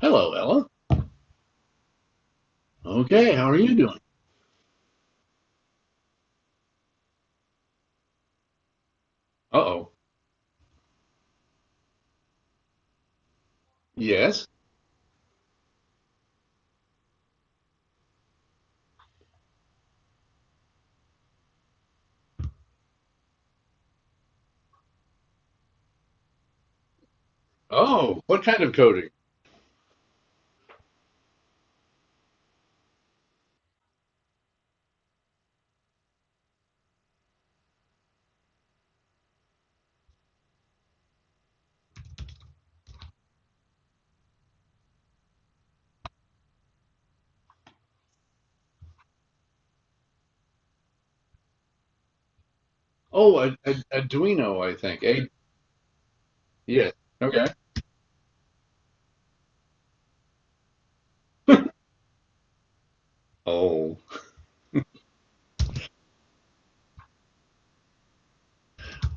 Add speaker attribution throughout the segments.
Speaker 1: Hello, Ella. Okay, how are you doing? Uh-oh. Yes. Oh, what kind of coding? Oh, Ad Ad Arduino, I think. A yes. Okay. Oh.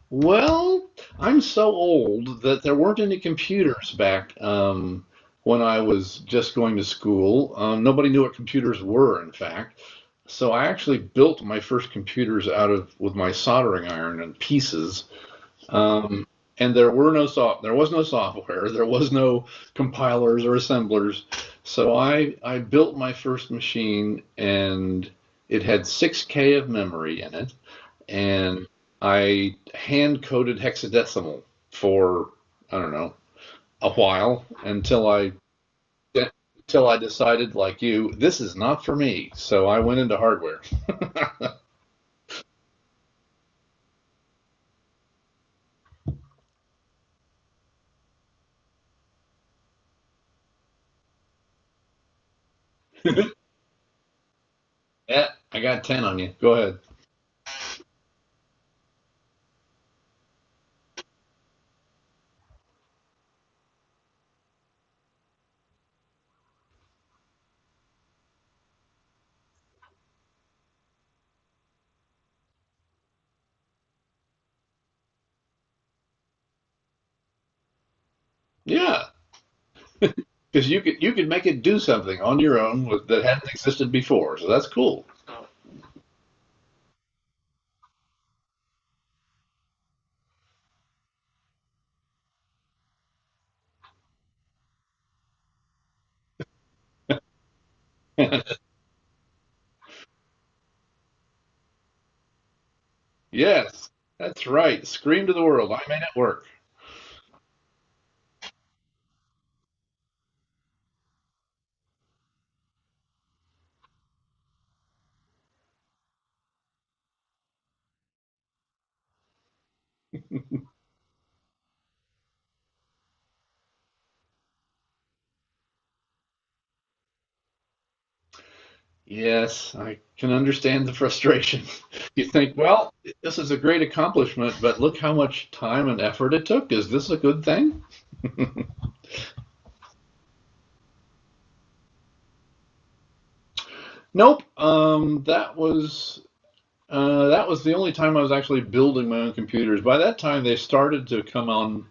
Speaker 1: Well, I'm so old that there weren't any computers back when I was just going to school. Nobody knew what computers were, in fact. So I actually built my first computers out of with my soldering iron and pieces. Um, and there was no software, there was no compilers or assemblers. So I built my first machine, and it had 6K of memory in it, and I hand coded hexadecimal for I don't know a while until I decided like you this is not for me. So I went into hardware. Eh, I got 10 on you. Go ahead. Yeah, because you could make it do something on your own with, that hadn't existed before. So that's cool. Yes, that's right. Scream to the world. I made it work. Yes, I can understand the frustration. You think, well, this is a great accomplishment, but look how much time and effort it took. Is this a good thing? Nope. That was the only time I was actually building my own computers. By that time, they started to come on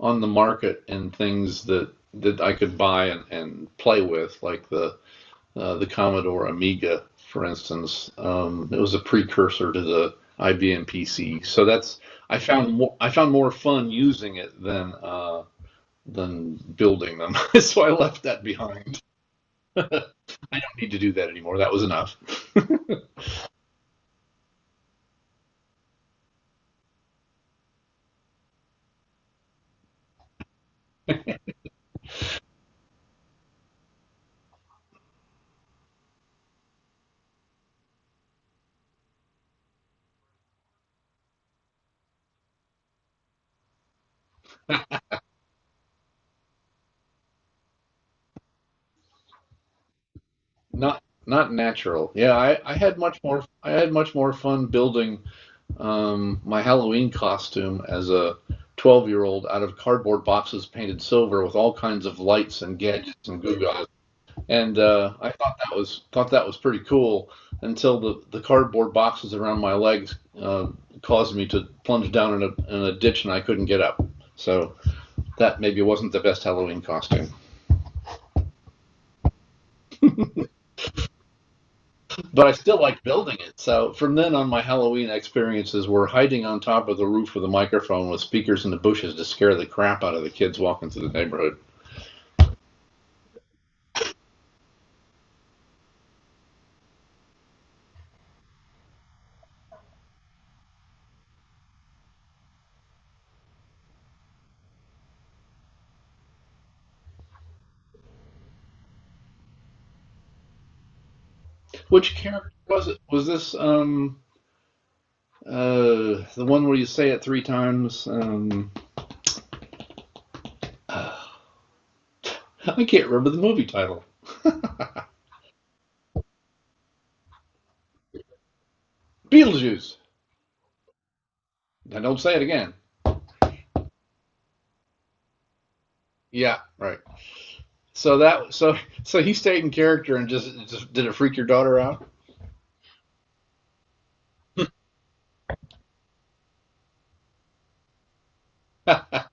Speaker 1: on the market and things that I could buy and play with, like the Commodore Amiga, for instance. It was a precursor to the IBM PC. So that's I found more fun using it than building them. so I left that behind. I don't need to do that anymore. That was enough. Not not natural. Yeah, I had much more fun building my Halloween costume as a 12-year-old out of cardboard boxes painted silver with all kinds of lights and gadgets and goo and I thought that was pretty cool until the cardboard boxes around my legs caused me to plunge down in a ditch, and I couldn't get up. So that maybe wasn't the best Halloween costume, but I still liked building it. So from then on, my Halloween experiences were hiding on top of the roof with a microphone with speakers in the bushes to scare the crap out of the kids walking through the neighborhood. Which character was it? Was this the one where you say it three times? I can't remember the movie title. Beetlejuice. Now don't say it again. Yeah, right. So that so so he stayed in character, and just did it freak your daughter out?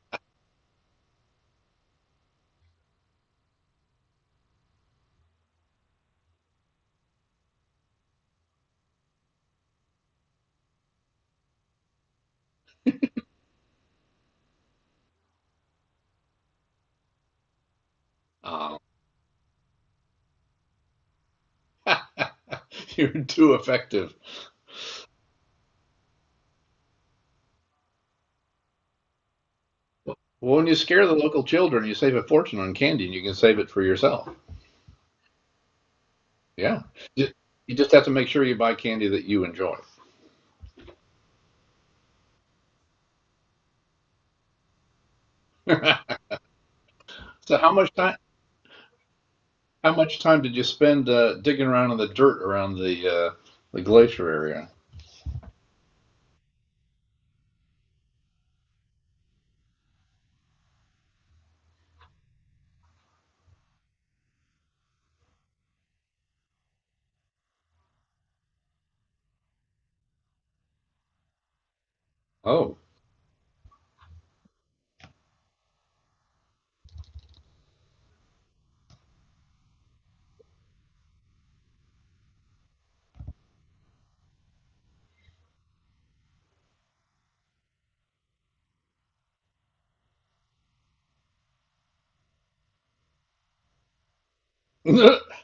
Speaker 1: Oh. You're too effective. Well, when you scare the local children, you save a fortune on candy, and you can save it for yourself. Yeah, you just have to make sure you buy candy that you enjoy. so, how much time? how much time did you spend digging around in the dirt around the glacier area? Oh,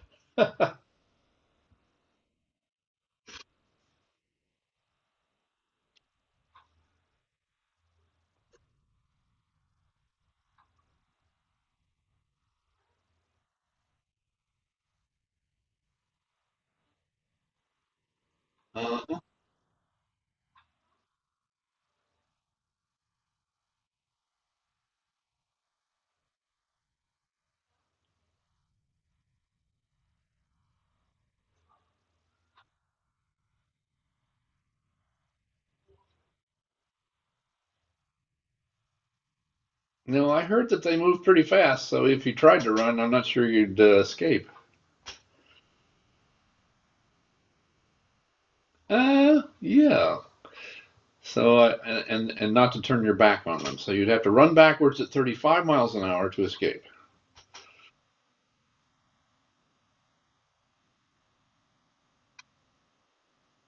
Speaker 1: uh, no, I heard that they move pretty fast, so if you tried to run, I'm not sure you'd escape. Yeah. So uh, and not to turn your back on them, so you'd have to run backwards at 35 miles an hour to escape.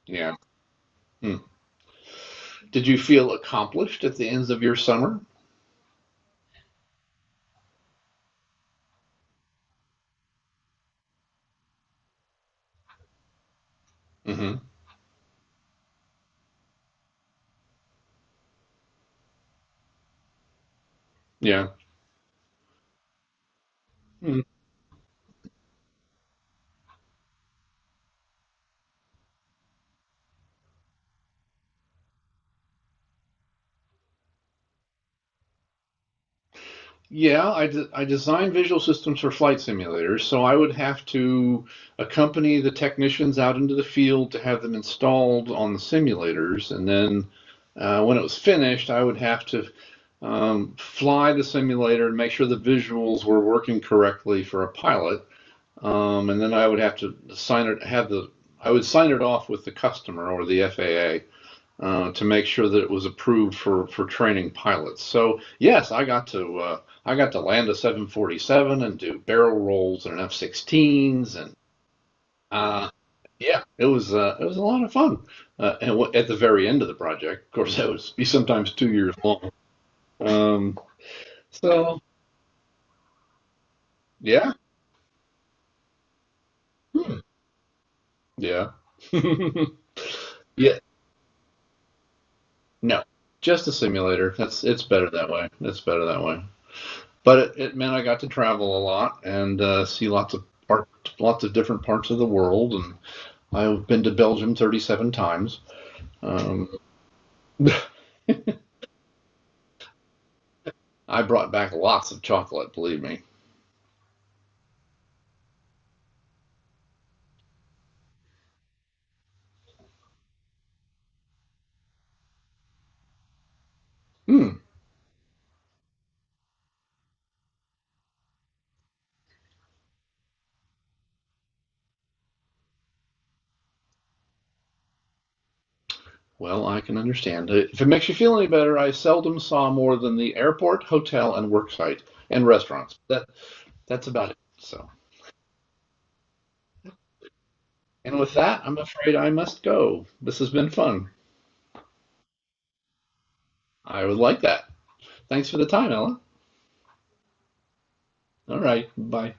Speaker 1: Yeah. Hmm. Did you feel accomplished at the ends of your summer? Hmm. Yeah. Hmm. Yeah, I design visual systems for flight simulators, so I would have to accompany the technicians out into the field to have them installed on the simulators, and then when it was finished, I would have to fly the simulator and make sure the visuals were working correctly for a pilot. And then I would have to sign it, I would sign it off with the customer or the FAA to make sure that it was approved for training pilots. So yes, I got to land a 747 and do barrel rolls and F-16s, and uh, yeah, it was a lot of fun. And at the very end of the project, of course, that would be sometimes 2 years long. Um, so Yeah. Hmm. Yeah. Yeah. No. Just a simulator. That's it's better that way. It's better that way. But it meant I got to travel a lot and see lots of different parts of the world. And I've been to Belgium 37 times. Um, I brought back lots of chocolate, believe me. Hmm. Well, I can understand. If it makes you feel any better, I seldom saw more than the airport, hotel, and worksite and restaurants. That's about it. So. And with that, I'm afraid I must go. This has been fun. I would like that. Thanks for the time, Ella. All right. Bye.